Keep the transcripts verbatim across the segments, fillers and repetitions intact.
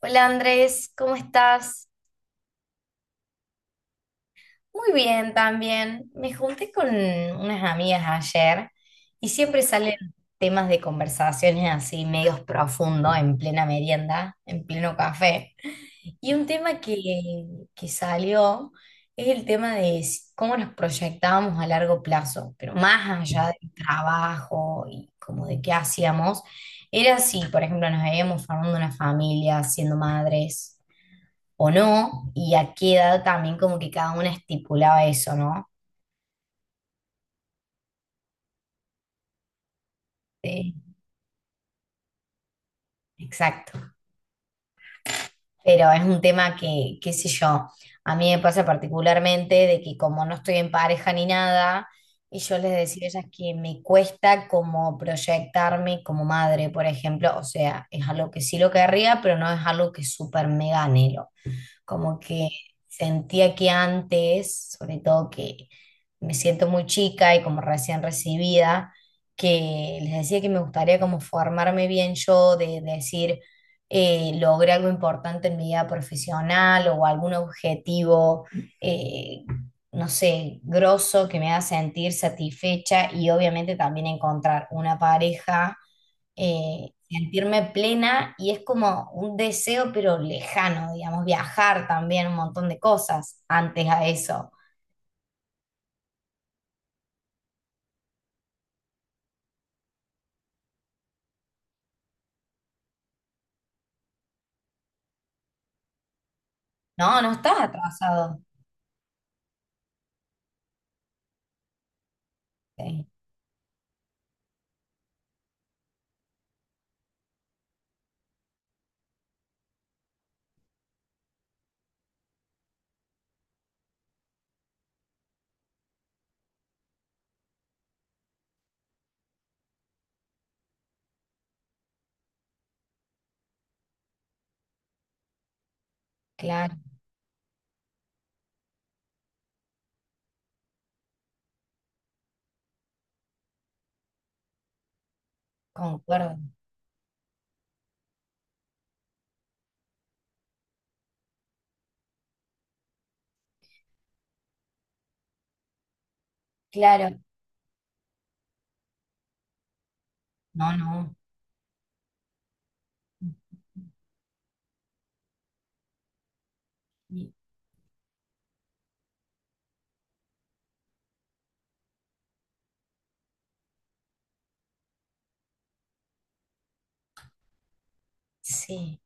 Hola Andrés, ¿cómo estás? Muy bien también. Me junté con unas amigas ayer y siempre salen temas de conversaciones así medios profundos en plena merienda, en pleno café. Y un tema que, que salió es el tema de si- cómo nos proyectábamos a largo plazo, pero más allá del trabajo y como de qué hacíamos, era si, por ejemplo, nos veíamos formando una familia, siendo madres. O no, y a qué edad también como que cada una estipulaba eso, ¿no? Eh, exacto. Pero es un tema que, qué sé yo, a mí me pasa particularmente de que como no estoy en pareja ni nada, y yo les decía a ellas que me cuesta como proyectarme como madre, por ejemplo. O sea, es algo que sí lo querría, pero no es algo que súper mega anhelo. Como que sentía que antes, sobre todo que me siento muy chica y como recién recibida, que les decía que me gustaría como formarme bien yo, de, decir, eh, logré algo importante en mi vida profesional o algún objetivo, eh, no sé, grosso que me haga sentir satisfecha, y obviamente también encontrar una pareja, eh, sentirme plena, y es como un deseo pero lejano, digamos, viajar también, un montón de cosas antes a eso. No, no estás atrasado. Sí, claro, concuerdo. Claro, no, no. Sí.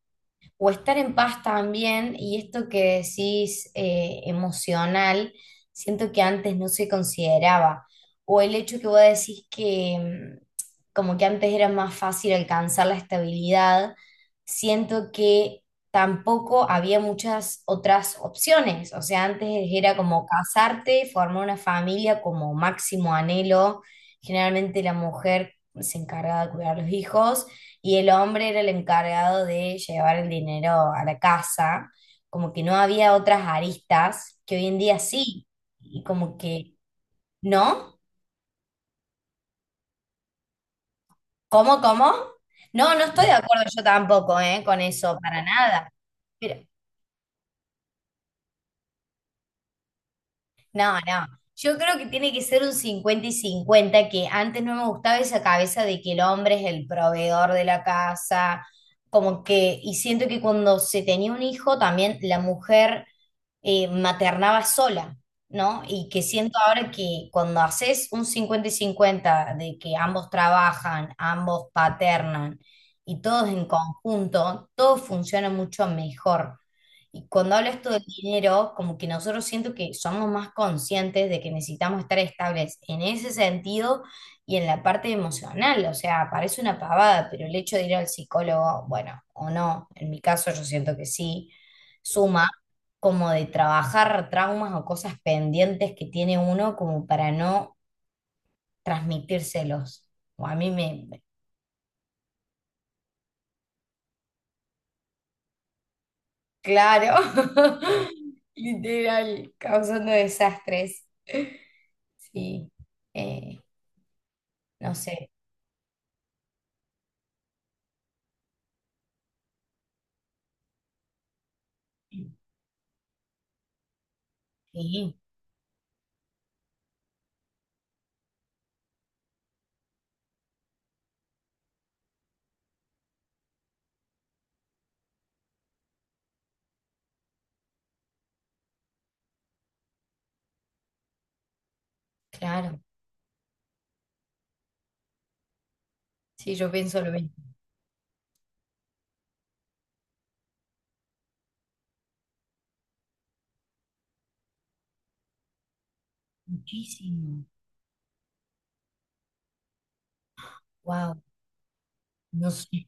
O estar en paz también, y esto que decís, eh, emocional, siento que antes no se consideraba, o el hecho que vos decís que mm, como que antes era más fácil alcanzar la estabilidad, siento que tampoco había muchas otras opciones. O sea, antes era como casarte, formar una familia como máximo anhelo, generalmente la mujer se encargaba de cuidar a los hijos y el hombre era el encargado de llevar el dinero a la casa, como que no había otras aristas que hoy en día sí, y como que, ¿no? ¿Cómo, cómo? No, no estoy de acuerdo yo tampoco, ¿eh? Con eso, para nada. Pero, no, no. Yo creo que tiene que ser un cincuenta y cincuenta, que antes no me gustaba esa cabeza de que el hombre es el proveedor de la casa. Como que, y siento que cuando se tenía un hijo también la mujer, eh, maternaba sola, ¿no? Y que siento ahora que cuando haces un cincuenta y cincuenta de que ambos trabajan, ambos paternan y todos en conjunto, todo funciona mucho mejor. Y cuando hablo esto del dinero, como que nosotros, siento que somos más conscientes de que necesitamos estar estables en ese sentido y en la parte emocional. O sea, parece una pavada, pero el hecho de ir al psicólogo, bueno, o no, en mi caso yo siento que sí, suma, como de trabajar traumas o cosas pendientes que tiene uno como para no transmitírselos. O a mí me, me- Claro, literal, causando desastres. Sí, eh, no sé. Sí, claro. Sí, yo pienso lo mismo. Muchísimo. Wow. No sé.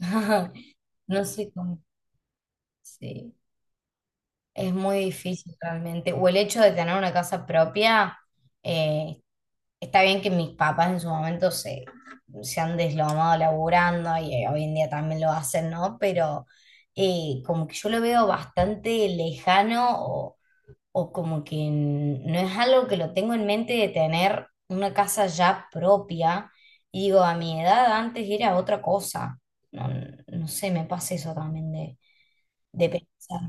No sé cómo. Sí, es muy difícil realmente. O el hecho de tener una casa propia, eh, está bien que mis papás en su momento se, se han deslomado laburando, y eh, hoy en día también lo hacen, ¿no? Pero eh, como que yo lo veo bastante lejano, o como que n- no es algo que lo tengo en mente, de tener una casa ya propia. Y digo, a mi edad antes era otra cosa. No, no sé, me pasa eso también de, de pensar.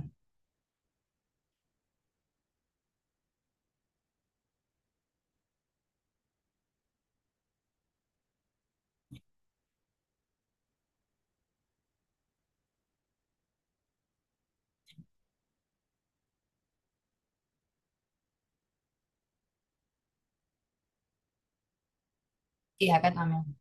Sí, acá también.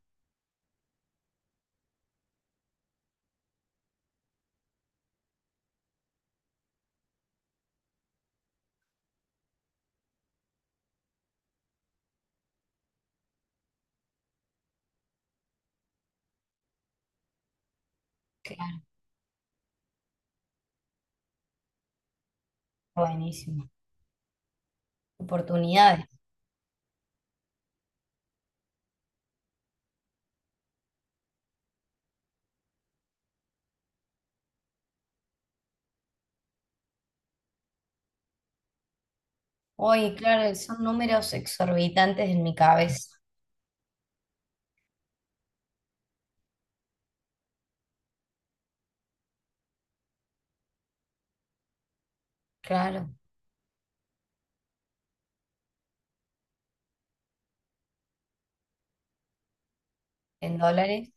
Claro, buenísimo. Oportunidades. Hoy, claro, son números exorbitantes en mi cabeza. Claro, en dólares,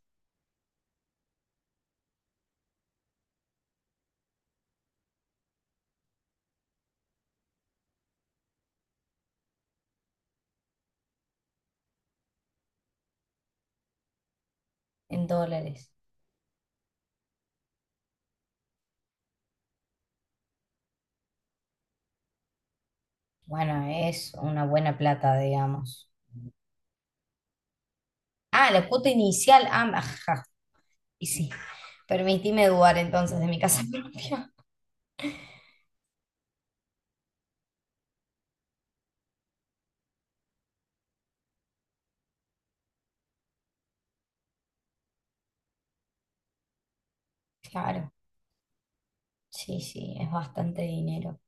en dólares. Bueno, es una buena plata, digamos. Ah, la cuota inicial. Ah, ajá. Y sí, permitime dudar entonces de mi casa propia. Claro, sí, sí, es bastante dinero.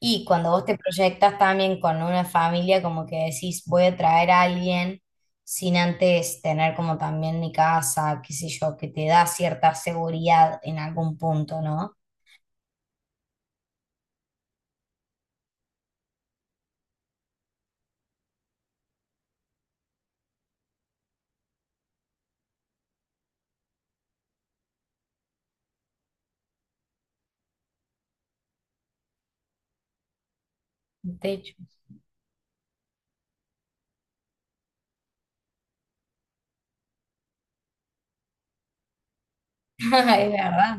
Y cuando vos te proyectas también con una familia, como que decís, voy a traer a alguien sin antes tener como también mi casa, qué sé yo, que te da cierta seguridad en algún punto, ¿no? Un techo. Es verdad,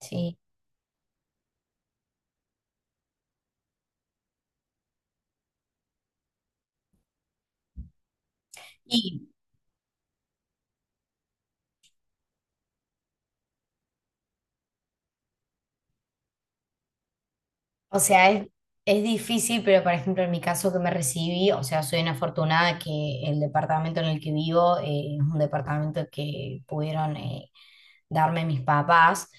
sí. Y. O sea, es, es difícil, pero por ejemplo en mi caso, que me recibí, o sea, soy una afortunada, que el departamento en el que vivo, eh, es un departamento que pudieron, eh, darme mis papás.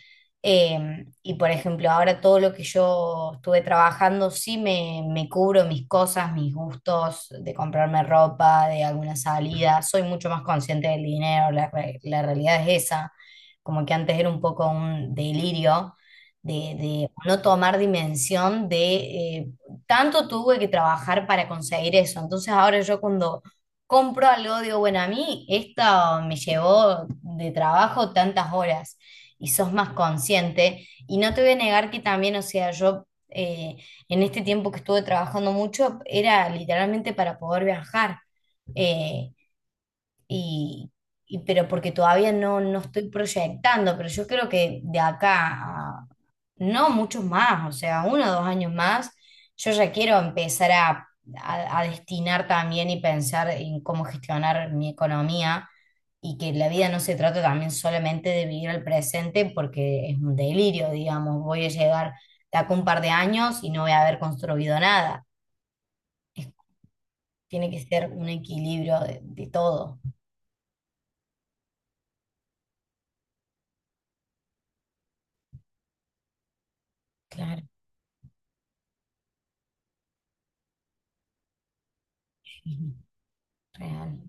Eh, y por ejemplo, ahora todo lo que yo estuve trabajando, sí me, me cubro mis cosas, mis gustos, de comprarme ropa, de alguna salida. Soy mucho más consciente del dinero, la, re- la realidad es esa. Como que antes era un poco un delirio de, de no tomar dimensión de, eh, tanto tuve que trabajar para conseguir eso. Entonces ahora yo, cuando compro algo, digo, bueno, a mí esto me llevó de trabajo tantas horas, y sos más consciente. Y no te voy a negar que también, o sea, yo, eh, en este tiempo que estuve trabajando mucho, era literalmente para poder viajar. Eh, y, y- pero porque todavía no, no estoy proyectando, pero yo creo que de acá no muchos más, o sea, uno o dos años más, yo ya quiero empezar a, a- a destinar también y pensar en cómo gestionar mi economía, y que la vida no se trata también solamente de vivir el presente, porque es un delirio, digamos, voy a llegar de acá un par de años y no voy a haber construido nada. Es- tiene que ser un equilibrio de, de todo. Claro, sí, real.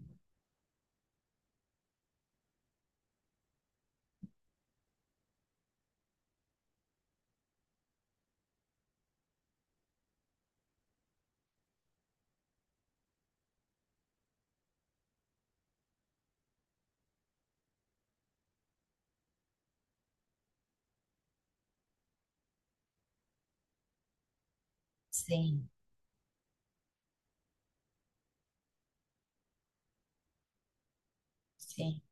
Sí, sí.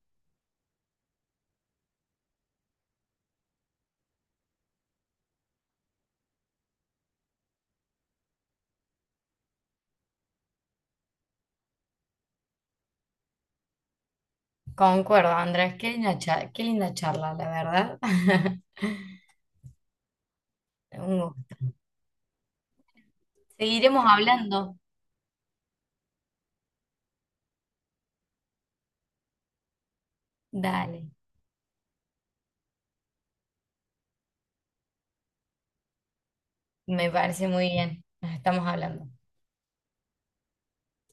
Concuerdo, Andrés, qué linda cha- qué linda charla, la verdad. Un gusto. Seguiremos hablando. Dale, me parece muy bien. Nos estamos hablando.